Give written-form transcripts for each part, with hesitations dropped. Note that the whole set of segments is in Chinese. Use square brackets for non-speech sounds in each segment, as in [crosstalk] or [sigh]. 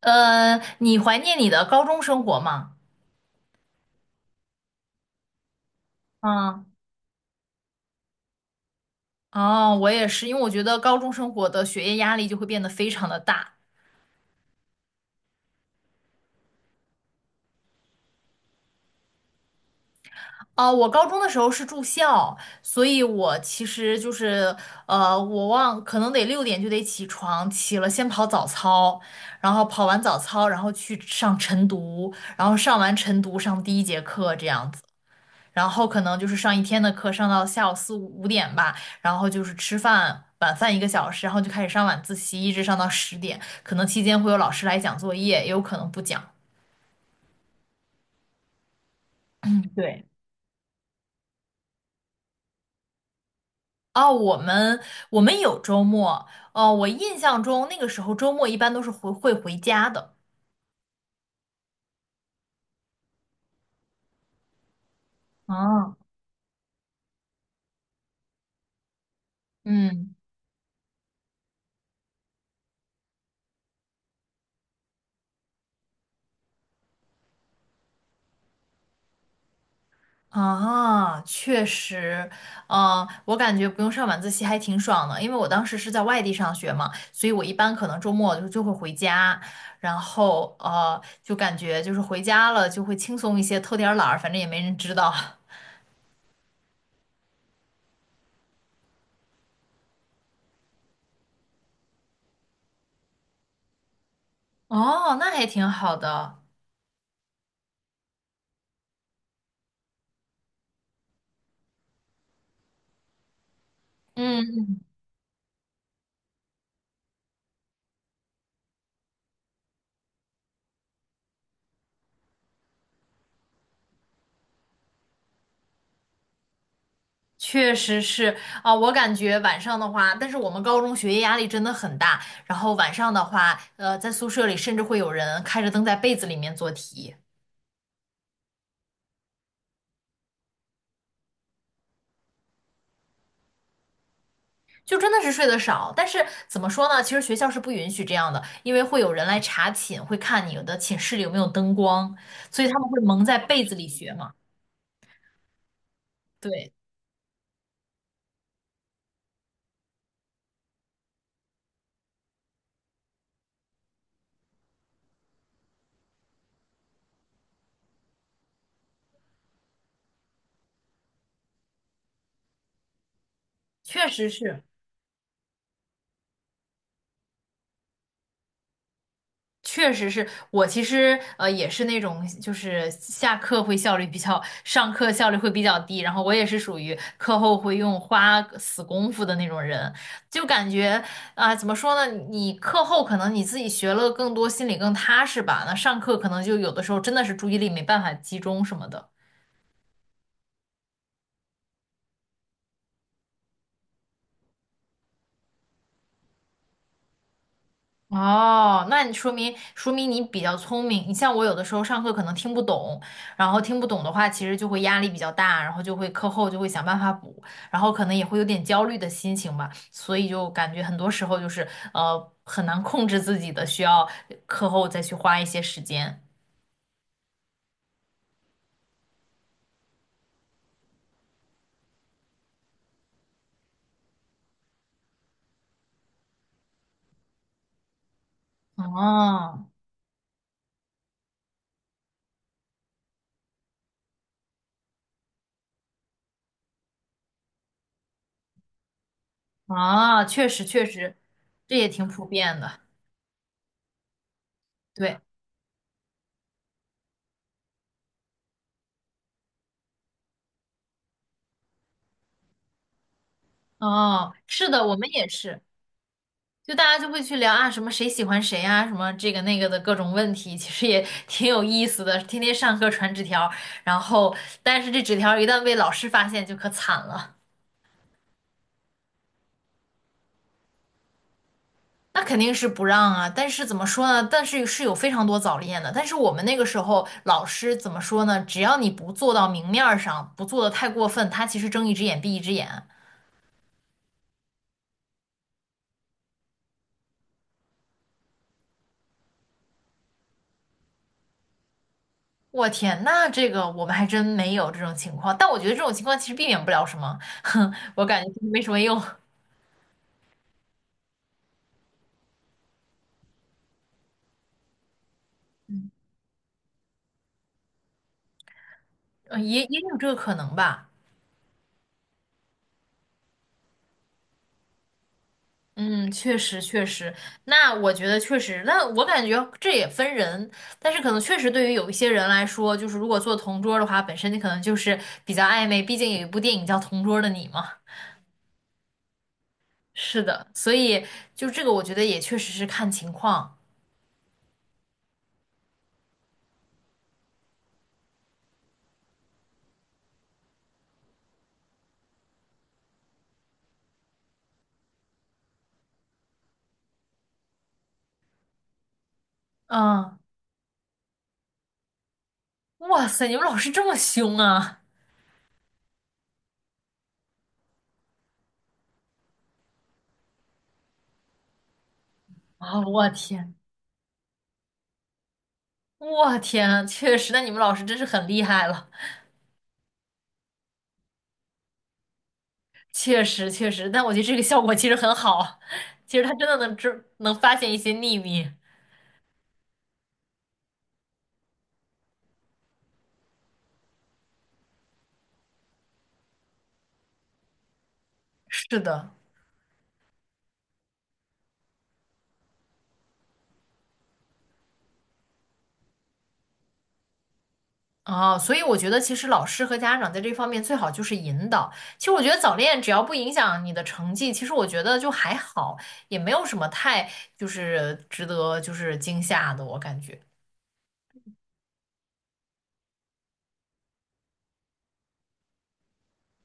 你怀念你的高中生活吗？嗯。哦，我也是，因为我觉得高中生活的学业压力就会变得非常的大。哦，我高中的时候是住校，所以我其实就是，我忘，可能得6点就得起床，起了先跑早操，然后跑完早操，然后去上晨读，然后上完晨读上第一节课这样子。然后可能就是上一天的课，上到下午5点吧，然后就是吃饭，晚饭1个小时，然后就开始上晚自习，一直上到10点。可能期间会有老师来讲作业，也有可能不讲。对。哦，我们有周末，哦，我印象中那个时候周末一般都是回家的。哦。嗯。啊，确实。嗯、我感觉不用上晚自习还挺爽的，因为我当时是在外地上学嘛，所以我一般可能周末就会回家，然后就感觉就是回家了就会轻松一些，偷点儿懒儿，反正也没人知道。[laughs] 哦，那还挺好的。嗯，确实是。啊，我感觉晚上的话，但是我们高中学业压力真的很大，然后晚上的话，在宿舍里甚至会有人开着灯在被子里面做题。就真的是睡得少，但是怎么说呢？其实学校是不允许这样的，因为会有人来查寝，会看你的寝室里有没有灯光，所以他们会蒙在被子里学嘛。对，确实是。确实是我其实也是那种就是下课会效率比较，上课效率会比较低，然后我也是属于课后会用花死功夫的那种人，就感觉啊、怎么说呢，你课后可能你自己学了更多，心里更踏实吧，那上课可能就有的时候真的是注意力没办法集中什么的。哦，那你说明你比较聪明。你像我有的时候上课可能听不懂，然后听不懂的话，其实就会压力比较大，然后就会课后就会想办法补，然后可能也会有点焦虑的心情吧，所以就感觉很多时候就是很难控制自己的，需要课后再去花一些时间。哦。啊，确实确实，这也挺普遍的。对。哦，是的，我们也是。就大家就会去聊啊，什么谁喜欢谁啊，什么这个那个的各种问题，其实也 [laughs] 挺有意思的。天天上课传纸条，然后但是这纸条一旦被老师发现，就可惨了。那肯定是不让啊，但是怎么说呢？但是是有非常多早恋的，但是我们那个时候老师怎么说呢？只要你不做到明面儿上，不做的太过分，他其实睁一只眼闭一只眼。我天，那这个我们还真没有这种情况，但我觉得这种情况其实避免不了什么，[laughs] 哼，我感觉就是没什么用。也有这个可能吧。嗯，确实确实，那我觉得确实，那我感觉这也分人，但是可能确实对于有一些人来说，就是如果做同桌的话，本身你可能就是比较暧昧，毕竟有一部电影叫《同桌的你》嘛。是的，所以就这个，我觉得也确实是看情况。嗯。哇塞，你们老师这么凶啊！[laughs] 啊，我天，我天，确实，那你们老师真是很厉害了。确实确实，但我觉得这个效果其实很好，[laughs] 其实他真的能发现一些秘密。是的。啊，所以我觉得其实老师和家长在这方面最好就是引导。其实我觉得早恋只要不影响你的成绩，其实我觉得就还好，也没有什么太就是值得就是惊吓的，我感觉。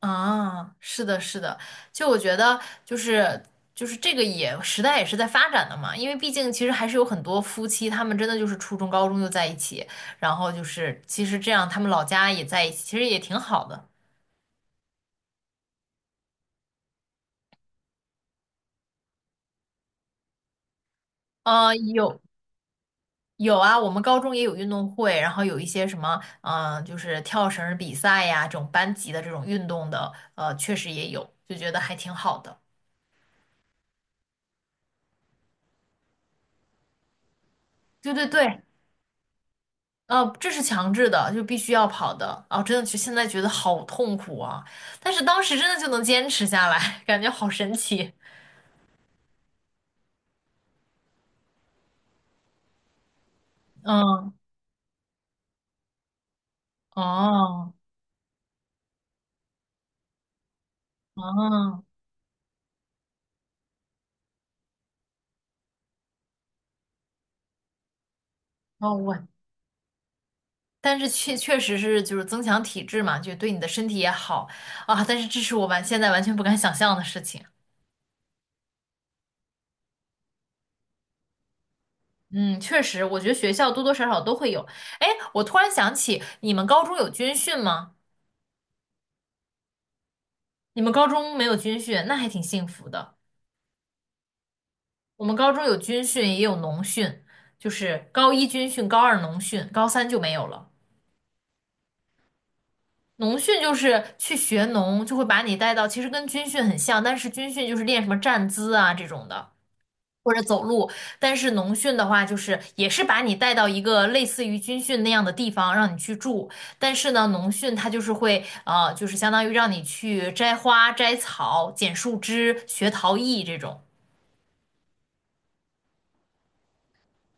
啊，是的，是的，就我觉得就是这个也时代也是在发展的嘛，因为毕竟其实还是有很多夫妻，他们真的就是初中、高中就在一起，然后就是其实这样他们老家也在一起，其实也挺好的。呃，有有啊，我们高中也有运动会，然后有一些什么，嗯、就是跳绳儿比赛呀，这种班级的这种运动的，确实也有，就觉得还挺好的。对对对。这是强制的，就必须要跑的。哦，真的就现在觉得好痛苦啊，但是当时真的就能坚持下来，[laughs] 感觉好神奇。嗯。哦，哦，哦。但是确实是就是增强体质嘛，就对你的身体也好啊。但是这是我现在完全不敢想象的事情。嗯，确实，我觉得学校多多少少都会有。哎，我突然想起，你们高中有军训吗？你们高中没有军训，那还挺幸福的。我们高中有军训，也有农训，就是高一军训，高二农训，高三就没有了。农训就是去学农，就会把你带到，其实跟军训很像，但是军训就是练什么站姿啊这种的，或者走路。但是农训的话，就是也是把你带到一个类似于军训那样的地方，让你去住。但是呢，农训它就是会，就是相当于让你去摘花、摘草、剪树枝、学陶艺这种。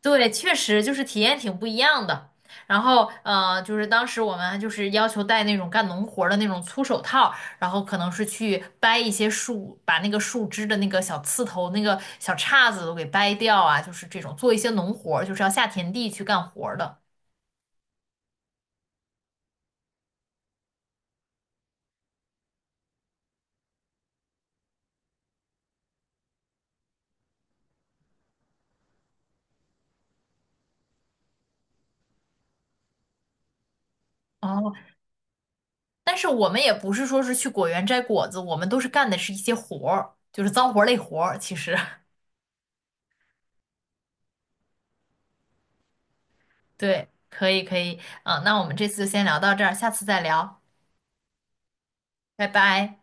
对，确实就是体验挺不一样的。然后，就是当时我们就是要求戴那种干农活儿的那种粗手套，然后可能是去掰一些树，把那个树枝的那个小刺头、那个小叉子都给掰掉啊，就是这种做一些农活儿，就是要下田地去干活儿的。哦，但是我们也不是说是去果园摘果子，我们都是干的是一些活儿，就是脏活儿累活儿。其实，[laughs] 对，可以可以，嗯，那我们这次就先聊到这儿，下次再聊，拜拜。